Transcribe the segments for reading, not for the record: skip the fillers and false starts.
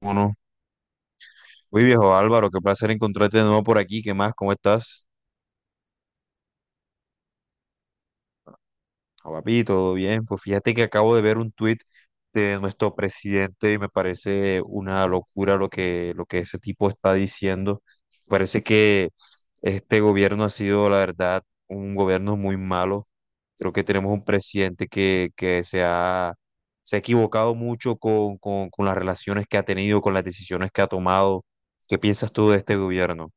Bueno, muy viejo Álvaro, qué placer encontrarte de nuevo por aquí. ¿Qué más? ¿Cómo estás? Ah, papi, todo bien. Pues fíjate que acabo de ver un tuit de nuestro presidente y me parece una locura lo que ese tipo está diciendo. Parece que este gobierno ha sido, la verdad, un gobierno muy malo. Creo que tenemos un presidente que se ha equivocado mucho con las relaciones que ha tenido, con las decisiones que ha tomado. ¿Qué piensas tú de este gobierno?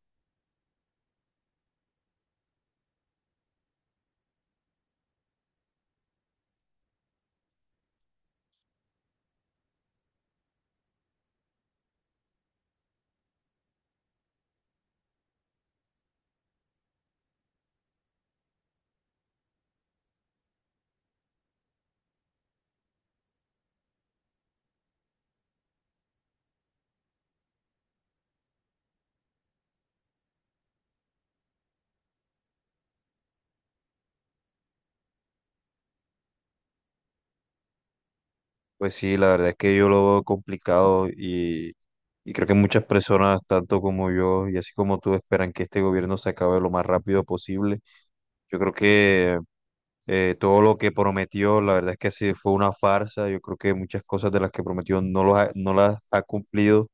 Pues sí, la verdad es que yo lo veo complicado y creo que muchas personas, tanto como yo y así como tú, esperan que este gobierno se acabe lo más rápido posible. Yo creo que todo lo que prometió, la verdad es que sí fue una farsa. Yo creo que muchas cosas de las que prometió no, no las ha cumplido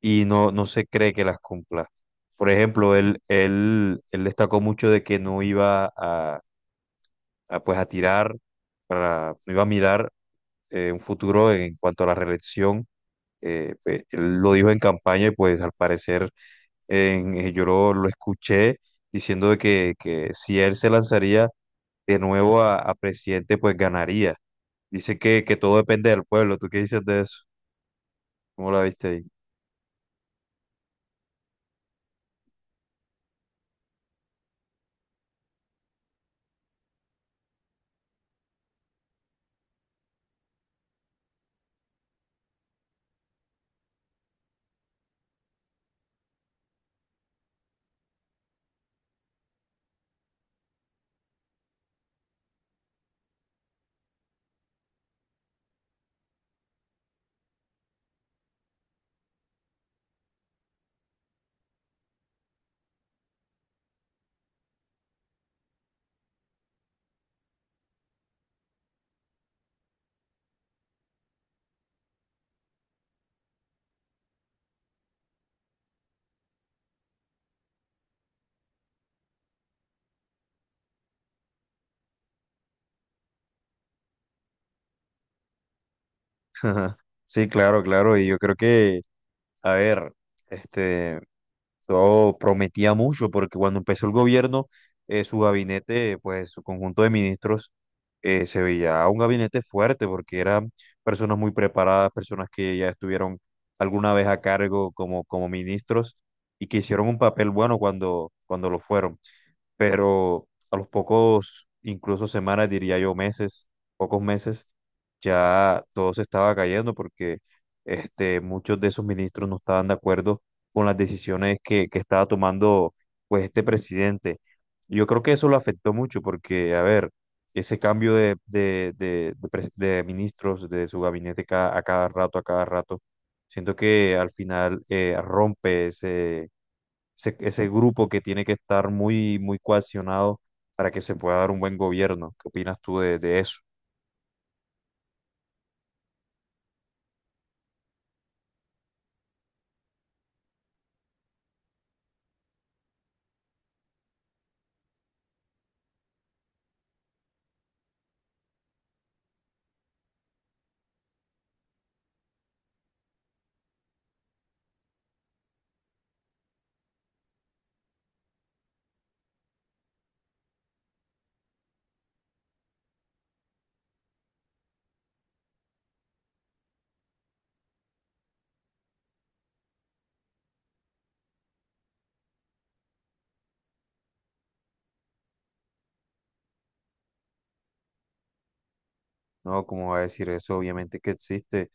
y no, no se cree que las cumpla. Por ejemplo, él destacó mucho de que no iba a no iba a mirar un futuro en cuanto a la reelección. Pues, él lo dijo en campaña y pues al parecer yo lo escuché diciendo de que si él se lanzaría de nuevo a presidente, pues ganaría. Dice que todo depende del pueblo. ¿Tú qué dices de eso? ¿Cómo la viste ahí? Sí, claro, claro. Y yo creo que, a ver, este... eso prometía mucho porque cuando empezó el gobierno, su gabinete, pues su conjunto de ministros, se veía un gabinete fuerte porque eran personas muy preparadas, personas que ya estuvieron alguna vez a cargo como, como ministros y que hicieron un papel bueno cuando, cuando lo fueron, pero a los pocos, incluso semanas, diría yo meses, pocos meses, ya todo se estaba cayendo porque muchos de esos ministros no estaban de acuerdo con las decisiones que estaba tomando pues este presidente. Yo creo que eso lo afectó mucho porque, a ver, ese cambio de ministros, de su gabinete a cada rato, a cada rato. Siento que al final rompe ese grupo que tiene que estar muy, muy cohesionado para que se pueda dar un buen gobierno. ¿Qué opinas tú de eso? No, ¿cómo va a decir eso? Obviamente que existe.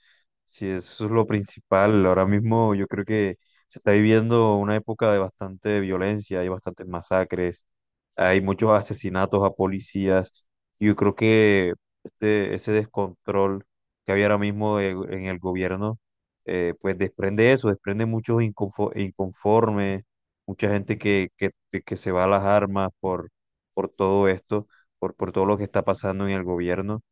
Si eso es lo principal, ahora mismo yo creo que se está viviendo una época de bastante violencia, hay bastantes masacres, hay muchos asesinatos a policías. Yo creo que ese descontrol que había ahora mismo en el gobierno, pues desprende eso, desprende muchos inconformes, mucha gente que se va a las armas por todo esto, por todo lo que está pasando en el gobierno.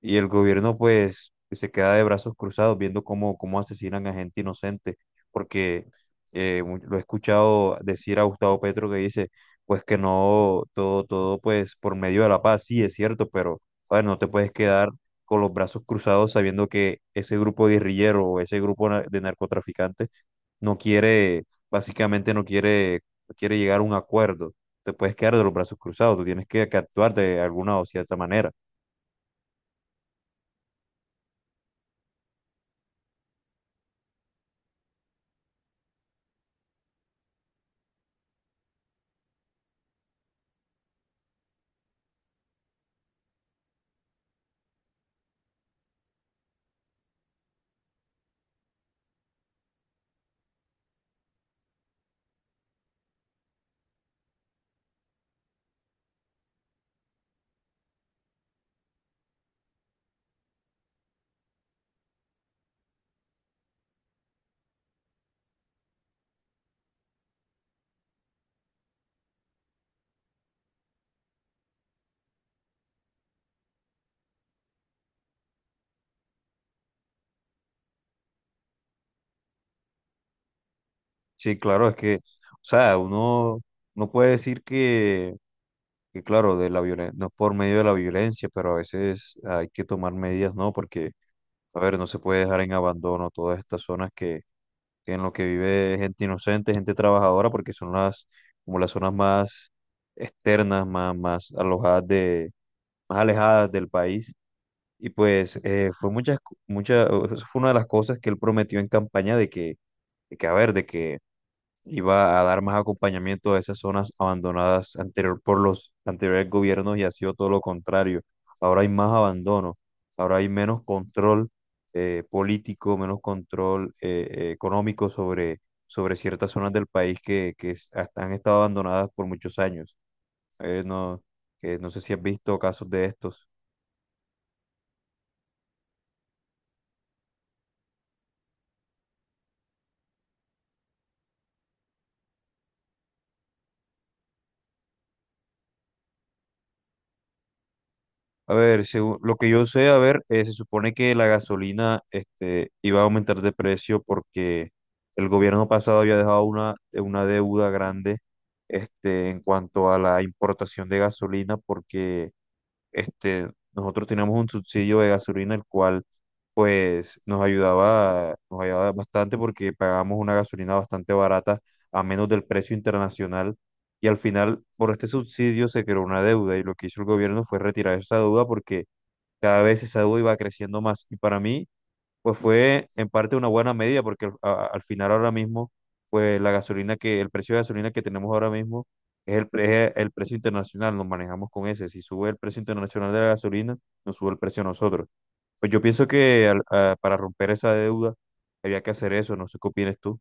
Y el gobierno pues se queda de brazos cruzados viendo cómo, cómo asesinan a gente inocente, porque lo he escuchado decir a Gustavo Petro que dice pues que no, todo, todo pues por medio de la paz, sí es cierto, pero a ver, no te puedes quedar con los brazos cruzados sabiendo que ese grupo guerrillero o ese grupo de narcotraficantes no quiere, básicamente no quiere, no quiere llegar a un acuerdo. Te puedes quedar de los brazos cruzados, tú tienes que actuar de alguna o cierta manera. Sí, claro, es que, o sea, uno no puede decir que claro, de la violencia, no por medio de la violencia, pero a veces hay que tomar medidas, ¿no? Porque, a ver, no se puede dejar en abandono todas estas zonas que en lo que vive gente inocente, gente trabajadora, porque son las, como las zonas más externas, más alojadas de, más alejadas del país. Y pues muchas, fue una de las cosas que él prometió en campaña de que iba a dar más acompañamiento a esas zonas abandonadas anterior por los anteriores gobiernos y ha sido todo lo contrario. Ahora hay más abandono, ahora hay menos control político, menos control económico sobre ciertas zonas del país que hasta han estado abandonadas por muchos años. Eh, no, no sé si has visto casos de estos. A ver, según lo que yo sé, a ver, se supone que la gasolina iba a aumentar de precio porque el gobierno pasado había dejado una deuda grande en cuanto a la importación de gasolina porque nosotros teníamos un subsidio de gasolina el cual pues nos ayudaba bastante porque pagábamos una gasolina bastante barata a menos del precio internacional. Y al final, por este subsidio se creó una deuda y lo que hizo el gobierno fue retirar esa deuda porque cada vez esa deuda iba creciendo más. Y para mí, pues fue en parte una buena medida, porque al final ahora mismo, pues la gasolina que, el precio de gasolina que tenemos ahora mismo es es el precio internacional, nos manejamos con ese. Si sube el precio internacional de la gasolina, nos sube el precio a nosotros. Pues yo pienso que para romper esa deuda había que hacer eso, no sé qué opinas tú.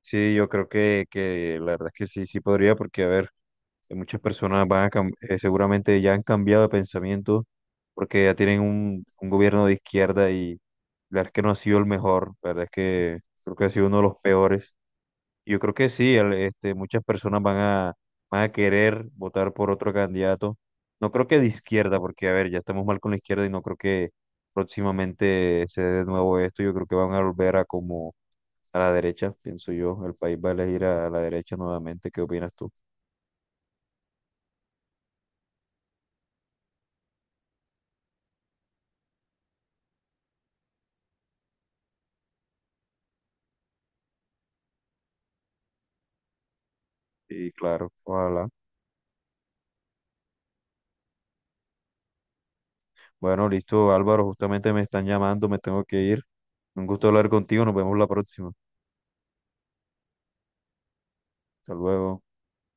Sí, yo creo que la verdad es que sí, sí podría, porque a ver. Que muchas personas van a seguramente ya han cambiado de pensamiento porque ya tienen un gobierno de izquierda y la verdad es que no ha sido el mejor, la verdad es que creo que ha sido uno de los peores. Yo creo que sí, muchas personas van van a querer votar por otro candidato. No creo que de izquierda, porque a ver, ya estamos mal con la izquierda y no creo que próximamente se dé de nuevo esto. Yo creo que van a volver a como a la derecha, pienso yo. El país va a elegir a la derecha nuevamente. ¿Qué opinas tú? Sí, claro, ojalá. Bueno, listo, Álvaro, justamente me están llamando, me tengo que ir. Un gusto hablar contigo, nos vemos la próxima. Hasta luego.